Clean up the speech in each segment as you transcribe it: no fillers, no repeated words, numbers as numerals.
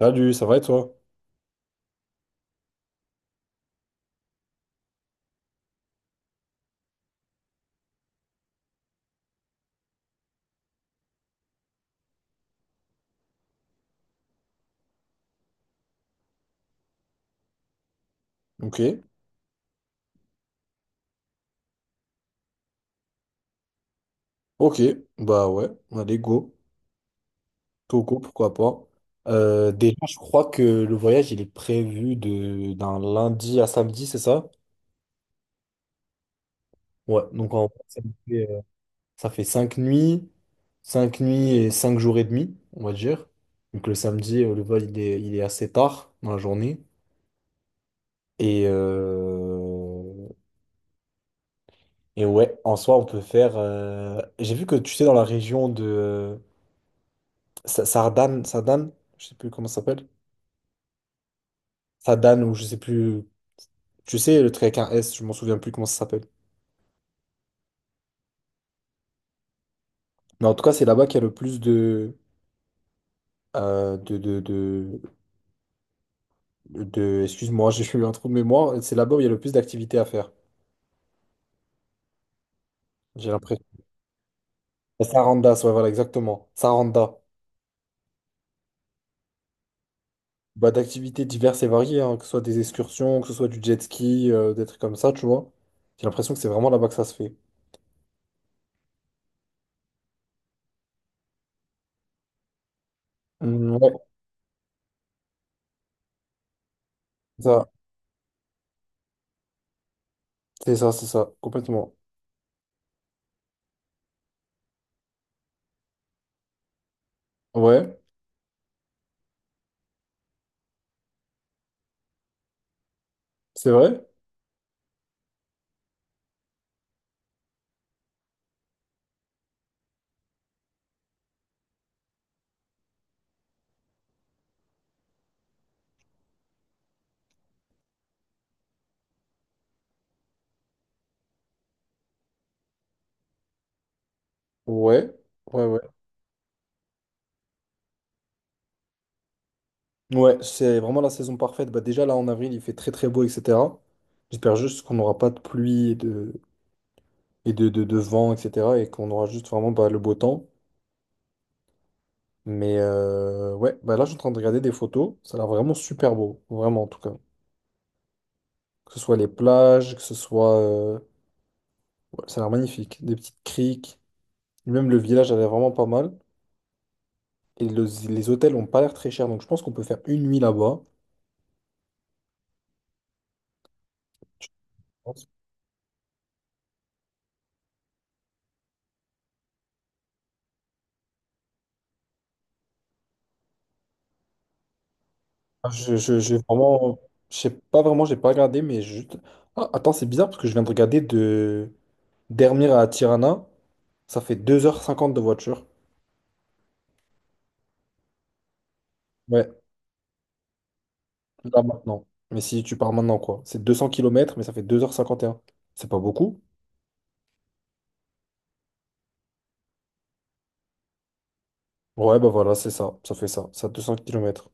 Salut, ça va et toi? Ok, ok, bah ouais, allez, go. Togo, pourquoi pas. Déjà, je crois que le voyage, il est prévu de d'un lundi à samedi, c'est ça? Ouais, donc en vrai, fait, euh, ça fait 5 nuits, 5 nuits et 5 jours et demi, on va dire. Donc le samedi, le vol, il est assez tard dans la journée. Et, euh, et ouais, en soi, on peut faire. J'ai vu que tu sais, dans la région de Sardane, je sais plus comment ça s'appelle. Sadan ou je sais plus, tu sais, le truc avec un S, je m'en souviens plus comment ça s'appelle. Mais en tout cas, c'est là-bas qu'il y a le plus euh, de, de, de, de, excuse-moi, j'ai eu un trou de mémoire, c'est là-bas où il y a le plus d'activités à faire, j'ai l'impression. La Saranda ouais, voilà, exactement. Saranda. Bah, d'activités diverses et variées, hein, que ce soit des excursions, que ce soit du jet ski, des trucs comme ça, tu vois. J'ai l'impression que c'est vraiment là-bas que ça se fait. Mm, ouais, c'est ça, c'est ça, c'est ça, complètement. Ouais, c'est vrai? Ouais, ouais, ouais. Ouais, c'est vraiment la saison parfaite. Bah déjà là en avril, il fait très très beau, etc. J'espère juste qu'on n'aura pas de pluie et de vent, etc. Et qu'on aura juste vraiment bah, le beau temps. Mais ouais, bah là je suis en train de regarder des photos. Ça a l'air vraiment super beau, vraiment en tout cas. Que ce soit les plages, que ce soit... ouais, ça a l'air magnifique. Des petites criques. Même le village a l'air vraiment pas mal. Et les hôtels ont pas l'air très chers. Donc je pense qu'on peut faire une nuit là-bas. Je, je, j'ai vraiment, je sais pas vraiment, j'ai pas regardé, mais juste. Ah, attends, c'est bizarre parce que je viens de regarder de Dermir à Tirana. Ça fait 2h50 de voiture. Ouais, là maintenant. Mais si tu pars maintenant, quoi. C'est 200 kilomètres mais ça fait 2h51. C'est pas beaucoup? Ouais, bah voilà, c'est ça. Ça fait ça. Ça, 200 kilomètres.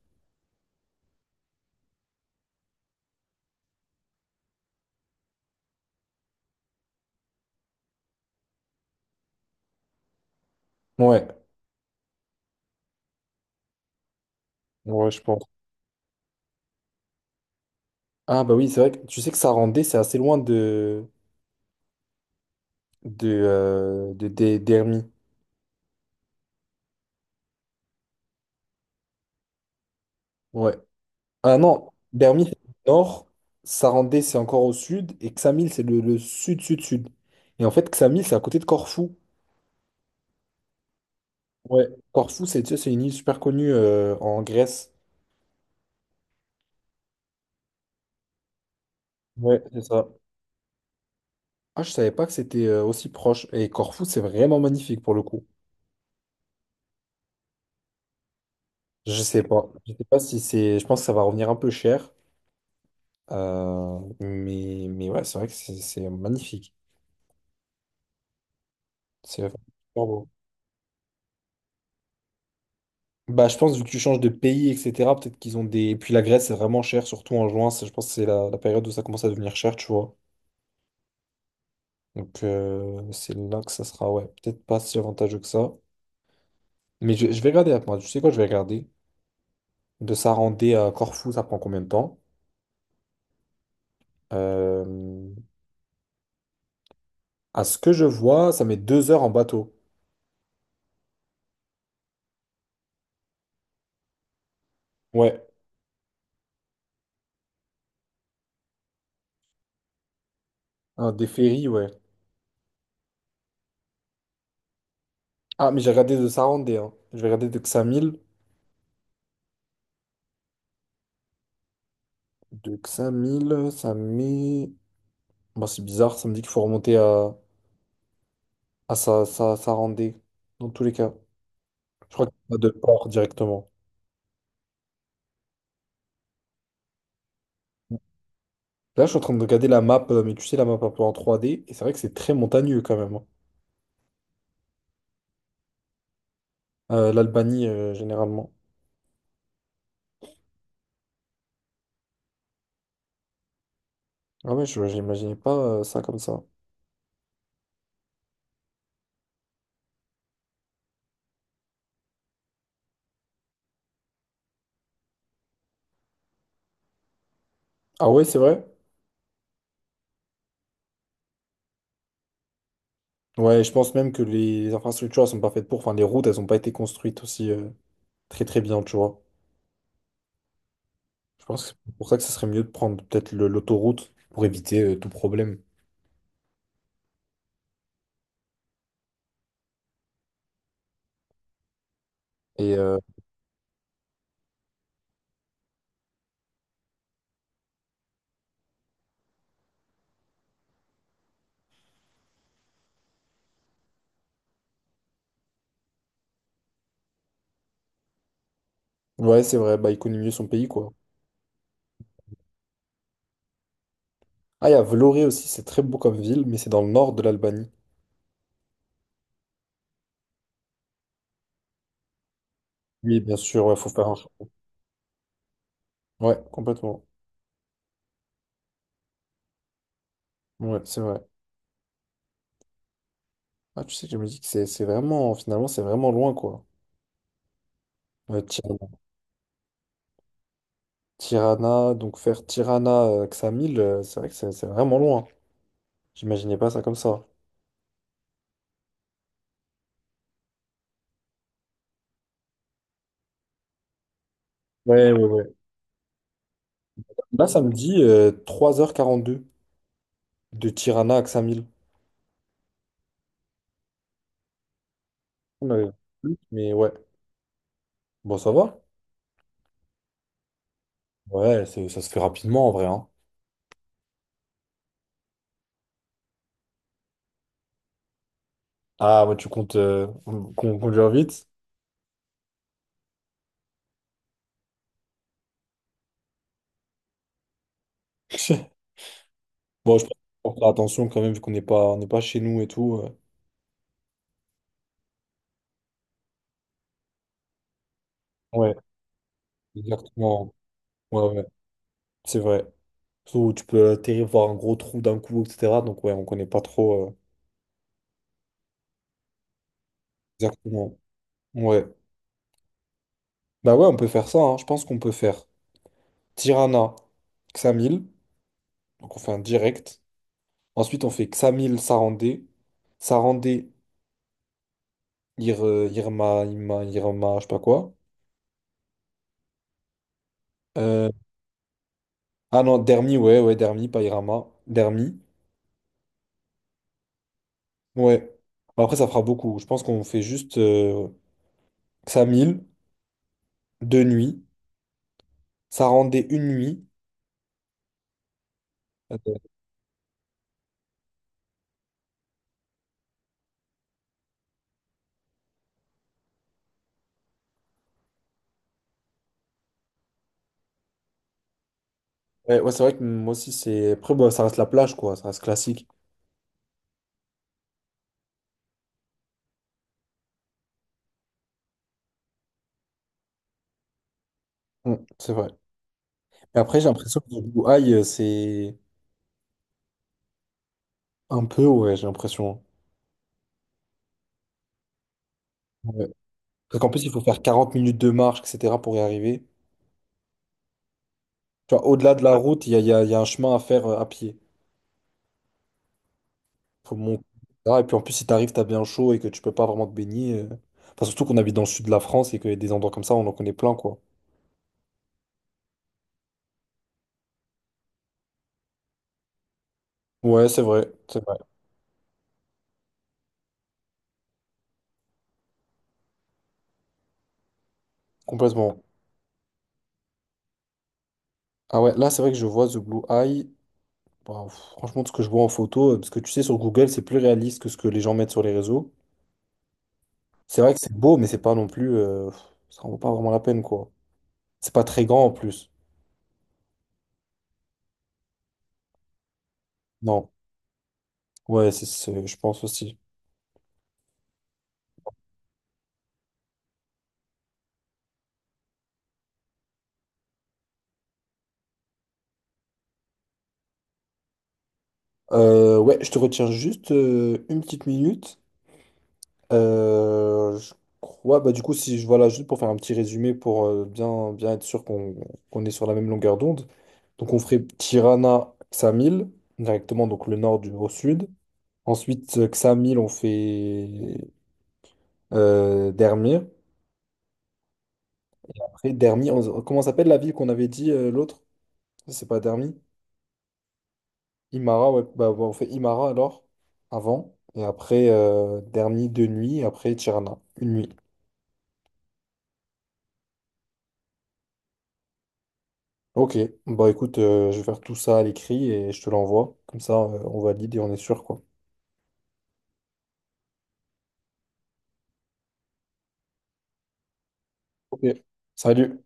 Ouais, ouais, je pense. Ah, bah oui, c'est vrai que tu sais que ça rendait, c'est assez loin d'Hermie. Ouais. Ah non, Dermy, c'est le nord, Sarandé, c'est encore au sud, et Ksamil, c'est le sud, sud, sud. Et en fait, Ksamil, c'est à côté de Corfou. Ouais. Corfou, c'est tu sais, c'est une île super connue en Grèce. Ouais, c'est ça. Ah, je savais pas que c'était aussi proche. Et Corfou, c'est vraiment magnifique pour le coup. Je sais pas. Je sais pas si c'est. Je pense que ça va revenir un peu cher. Mais ouais, c'est vrai que c'est magnifique. C'est vraiment super beau. Bah, je pense, vu que tu changes de pays, etc., peut-être qu'ils ont des. Et puis la Grèce, c'est vraiment cher, surtout en juin. Je pense que c'est la période où ça commence à devenir cher, tu vois. Donc, c'est là que ça sera, ouais, peut-être pas si avantageux que ça. Mais je vais regarder, attends, tu sais quoi, je vais regarder. De Sarandé à Corfou, ça prend combien de temps? Euh, À ce que je vois, ça met 2 heures en bateau. Ouais, ah, des ferries, ouais. Ah, mais j'ai regardé de Sarandé, hein. Je vais regarder de Xamil. De Xamil, ça met. Bon, c'est bizarre, ça me dit qu'il faut remonter à. Ah, ça rendait, dans tous les cas. Je crois qu'il n'y a pas de port directement. Là, je suis en train de regarder la map, mais tu sais, la map un peu en trois d et c'est vrai que c'est très montagneux quand même. Hein. L'Albanie, généralement. Ah ouais, je n'imaginais pas ça comme ça. Ah ouais, c'est vrai? Ouais, je pense même que les infrastructures, elles sont pas faites pour. Enfin, les routes, elles n'ont pas été construites aussi très très bien, tu vois. Je pense que c'est pour ça que ce serait mieux de prendre peut-être l'autoroute pour éviter tout problème. Et ouais, c'est vrai, bah, il connaît mieux son pays, quoi. Ah, il y a Vlorë aussi, c'est très beau comme ville, mais c'est dans le nord de l'Albanie. Oui, bien sûr, il faut faire un... Ouais, complètement. Ouais, c'est vrai. Ah, tu sais que je me dis que c'est vraiment, finalement, c'est vraiment loin, quoi. Euh, Tirana, Tirana, donc faire Tirana, Ksamil, c'est vrai que c'est vraiment loin. J'imaginais pas ça comme ça. Ouais, ouais, ouais. Là, ça me dit 3h42 de Tirana à Ksamil. On avait plus, mais ouais, bon, ça va. Ouais, ça se fait rapidement en vrai. Hein. Ah, ouais, tu comptes qu'on conduire vite? Bon, je pense qu'il faut faire attention quand même, vu qu'on n'est pas chez nous et tout. Ouais. Exactement. Ouais, ouais, c'est vrai. Surtout, où tu peux atterrir, voir un gros trou d'un coup, etc. Donc, ouais, on connaît pas trop. Exactement. Ouais. Bah, ouais, on peut faire ça. Hein. Je pense qu'on peut faire Tirana, Xamil. Donc, on fait un direct. Ensuite, on fait Xamil, Sarandé. Sarandé, Irma, je sais pas quoi. Euh, Ah non, Dermi, ouais, ouais, Dermi, pas Irama. Dermi. Ouais. Bon, après, ça fera beaucoup. Je pense qu'on fait juste ça 1000, 2 nuits. Ça rendait 1 nuit. Euh, ouais, ouais, c'est vrai que moi aussi, c'est. Après, bon, ça reste la plage, quoi. Ça reste classique. Mm, c'est vrai. Et après, j'ai l'impression que le Blue Eye, c'est un peu, ouais, j'ai l'impression. Ouais. Parce qu'en plus, il faut faire 40 minutes de marche, etc., pour y arriver. Tu vois, au-delà de la route, il y a un chemin à faire à pied. Faut monter, etc. Et puis, en plus, si t'arrives, t'as bien chaud et que tu peux pas vraiment te baigner. Enfin, surtout qu'on habite dans le sud de la France et qu'il y a des endroits comme ça, on en connaît plein, quoi. Ouais, c'est vrai, complètement. Ah ouais, là, c'est vrai que je vois The Blue Eye. Bah, pff, franchement, de ce que je vois en photo, parce que tu sais, sur Google, c'est plus réaliste que ce que les gens mettent sur les réseaux. C'est vrai que c'est beau, mais c'est pas non plus. Pff, ça en vaut pas vraiment la peine, quoi. C'est pas très grand en plus. Non. Ouais, je pense aussi. Ouais, je te retiens juste une petite minute. Je crois, bah du coup, si je voilà, juste pour faire un petit résumé pour bien, bien être sûr qu'on est sur la même longueur d'onde. Donc, on ferait Tirana, Xamil, directement, donc le nord au sud. Ensuite, Xamil, on fait Dermir. Après, Dermi, comment s'appelle la ville qu'on avait dit l'autre? C'est pas Dermi? Imara, ouais, bah, on fait Imara alors, avant. Et après, Dermi, 2 nuits, et après Tirana, 1 nuit. Ok, bah écoute, je vais faire tout ça à l'écrit et je te l'envoie. Comme ça, on valide et on est sûr, quoi. Ok, salut.